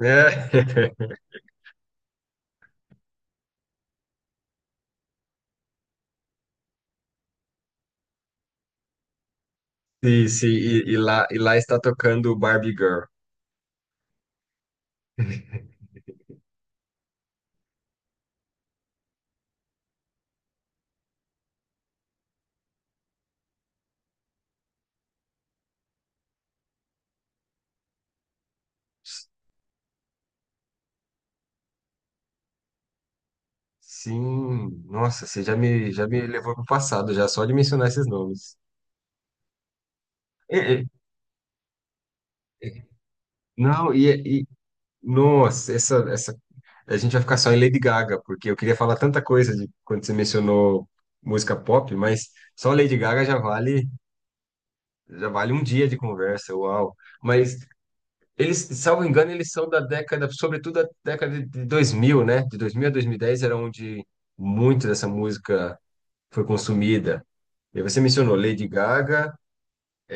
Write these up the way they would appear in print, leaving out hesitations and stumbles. É. Sim, sim, e lá está tocando Barbie Girl. Sim, nossa, você já me levou pro passado, já só de mencionar esses nomes. É, é, é. Não, e nossa, a gente vai ficar só em Lady Gaga, porque eu queria falar tanta coisa de quando você mencionou música pop, mas só Lady Gaga já vale um dia de conversa, uau. Mas eles, salvo engano, eles são da década, sobretudo da década de 2000, né? De 2000 a 2010 era onde muito dessa música foi consumida. E você mencionou Lady Gaga,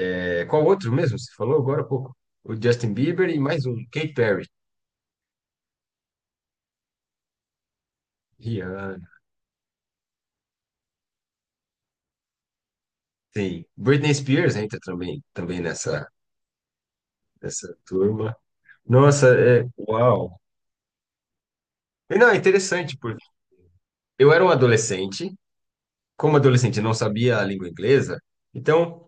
é, qual outro mesmo? Você falou agora há pouco. O Justin Bieber e mais um, Katy Perry. Rihanna. Sim. Britney Spears entra também nessa turma. Nossa, é, uau. E não, é interessante, porque eu era um adolescente, como adolescente eu não sabia a língua inglesa, então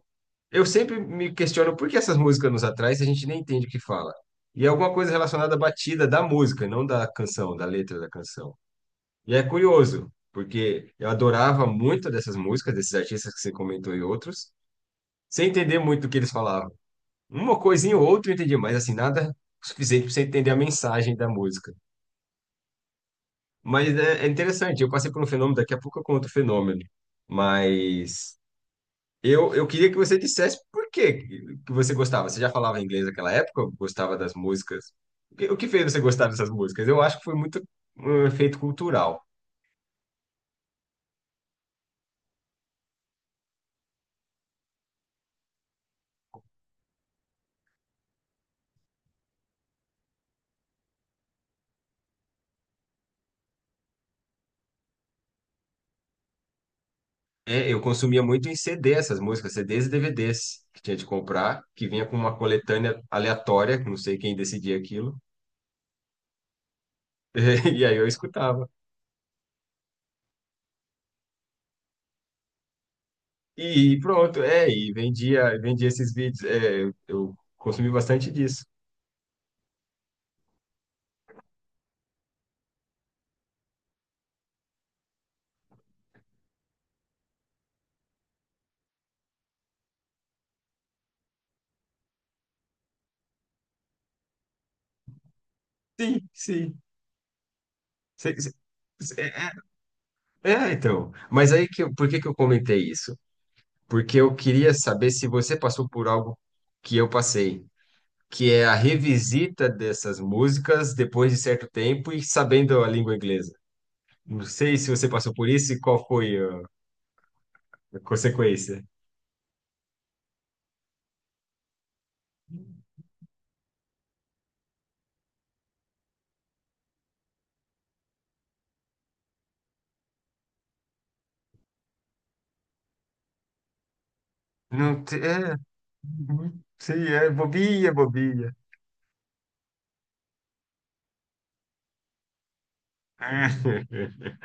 eu sempre me questiono por que essas músicas nos atraem se a gente nem entende o que fala. E é alguma coisa relacionada à batida da música, não da canção, da letra da canção. E é curioso, porque eu adorava muito dessas músicas, desses artistas que você comentou e outros, sem entender muito o que eles falavam. Uma coisinha ou outra eu entendi, mas assim, nada suficiente para você entender a mensagem da música. Mas é interessante, eu passei por um fenômeno, daqui a pouco eu conto o fenômeno. Mas eu queria que você dissesse por que que você gostava. Você já falava inglês naquela época? Gostava das músicas? O que fez você gostar dessas músicas? Eu acho que foi muito um efeito cultural. É, eu consumia muito em CD essas músicas, CDs e DVDs que tinha de comprar, que vinha com uma coletânea aleatória, que não sei quem decidia aquilo, e aí eu escutava. E pronto, é, e vendia esses vídeos. É, eu consumi bastante disso. Sim, sim. Cê- cê- É, então. Mas aí que eu, por que que eu comentei isso? Porque eu queria saber se você passou por algo que eu passei, que é a revisita dessas músicas depois de certo tempo e sabendo a língua inglesa. Não sei se você passou por isso e qual foi a consequência. Não te- É, uhum, sei, é bobinha, bobinha.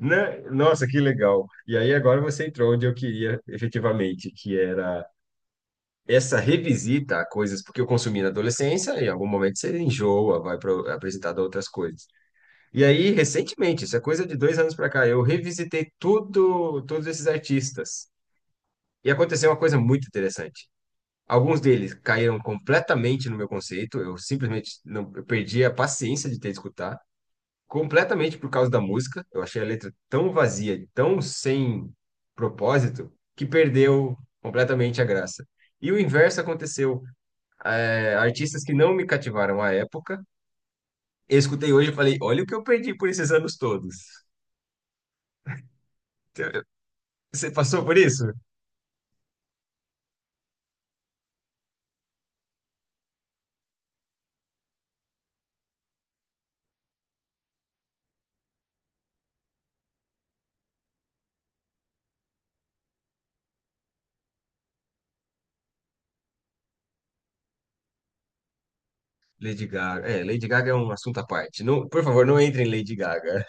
Né? Nossa, que legal. E aí agora você entrou onde eu queria efetivamente, que era essa revisita a coisas porque eu consumi na adolescência, e em algum momento você enjoa, vai para apresentar outras coisas. E aí, recentemente, isso é coisa de 2 anos para cá, eu revisitei tudo, todos esses artistas. E aconteceu uma coisa muito interessante. Alguns deles caíram completamente no meu conceito, eu simplesmente não, eu perdi a paciência de ter de escutar, completamente por causa da música. Eu achei a letra tão vazia, tão sem propósito, que perdeu completamente a graça. E o inverso aconteceu, é, artistas que não me cativaram à época. Eu escutei hoje e falei, olha o que eu perdi por esses anos todos. Você passou por isso? Lady Gaga. É, Lady Gaga é um assunto à parte. Não, por favor, não entre em Lady Gaga.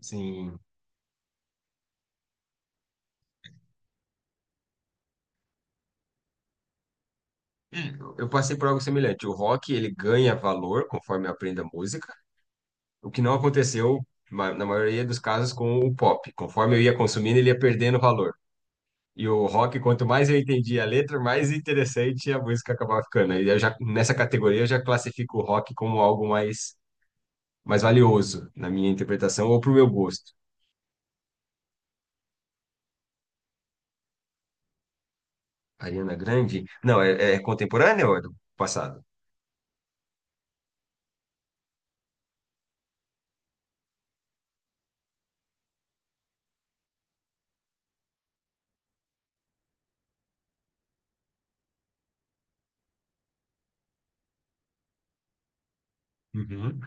Sim, eu passei por algo semelhante. O rock, ele ganha valor conforme eu aprendo a música, o que não aconteceu na maioria dos casos com o pop. Conforme eu ia consumindo, ele ia perdendo valor. E o rock, quanto mais eu entendia a letra, mais interessante a música acabava ficando. E eu já, nessa categoria, eu já classifico o rock como algo mais valioso, na minha interpretação, ou para o meu gosto. Ariana Grande? Não, é contemporânea ou é do passado? Uhum,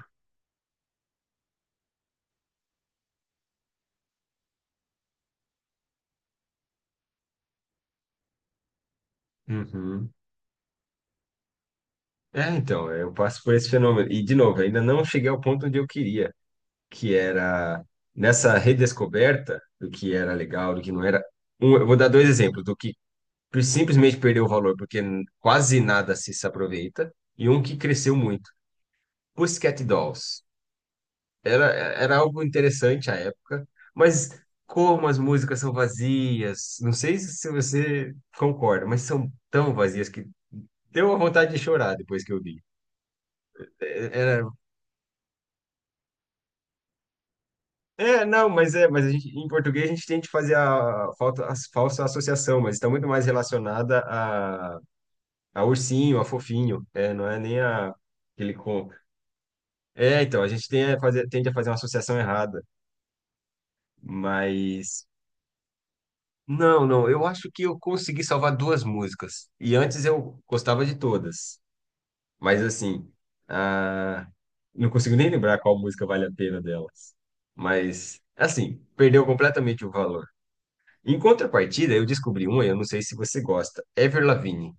uhum. É, então, é, eu passo por esse fenômeno. E, de novo, ainda não cheguei ao ponto onde eu queria, que era nessa redescoberta do que era legal, do que não era. Eu vou dar dois exemplos, do que simplesmente perdeu o valor porque quase nada se aproveita, e um que cresceu muito. Pussycat Dolls. Era algo interessante à época, mas como as músicas são vazias, não sei se você concorda, mas são tão vazias que deu uma vontade de chorar depois que eu vi. É, é, é, não, mas é, mas a gente, em português a gente tem que fazer a, falta, a falsa associação, mas está muito mais relacionada a ursinho, a fofinho, é, não é nem a, aquele com. É, então, a gente tem a fazer, tende a fazer uma associação errada, mas. Não, não, eu acho que eu consegui salvar duas músicas. E antes eu gostava de todas. Mas assim, ah, não consigo nem lembrar qual música vale a pena delas. Mas, assim, perdeu completamente o valor. Em contrapartida, eu descobri uma, eu não sei se você gosta, Ever Lavigne.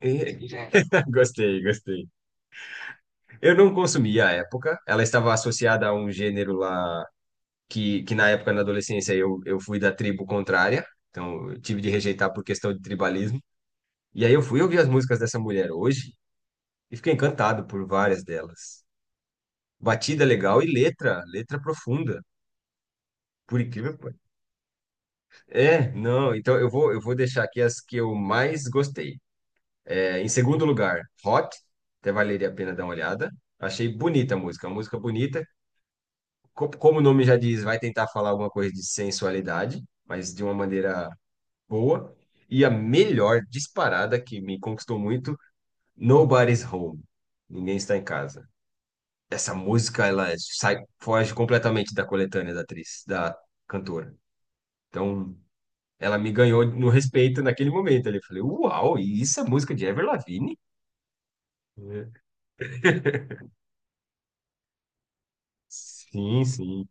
Gostei, gostei. Eu não consumi à época. Ela estava associada a um gênero lá que na época, na adolescência, eu fui da tribo contrária. Então, eu tive de rejeitar por questão de tribalismo. E aí eu fui ouvir as músicas dessa mulher hoje e fiquei encantado por várias delas. Batida legal e letra profunda, por incrível que pareça. É, não, então eu vou deixar aqui as que eu mais gostei. É, em segundo lugar, Hot, até valeria a pena dar uma olhada. Achei bonita a música, uma música bonita. Como o nome já diz, vai tentar falar alguma coisa de sensualidade, mas de uma maneira boa. E a melhor disparada que me conquistou muito, Nobody's Home. Ninguém está em casa. Essa música ela sai, foge completamente da coletânea da atriz, da cantora. Então, ela me ganhou no respeito naquele momento. Ali eu falei, uau, e isso é música de Avril Lavigne? É. Sim, sim.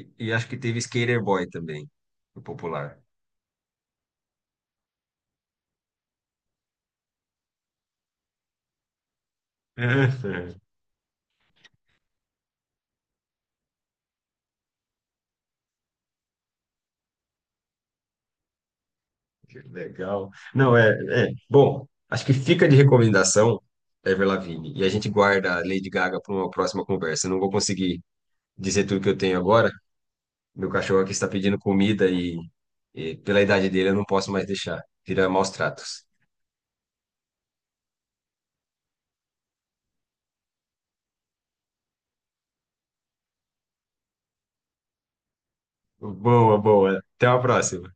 E acho que teve Skater Boy também, no popular. É, é. Que legal. Não, é, é. Bom, acho que fica de recomendação Ever Lavigne. E a gente guarda a Lady Gaga para uma próxima conversa. Eu não vou conseguir dizer tudo que eu tenho agora. Meu cachorro aqui está pedindo comida e pela idade dele eu não posso mais deixar. Vira maus tratos. Boa, boa. Até a próxima.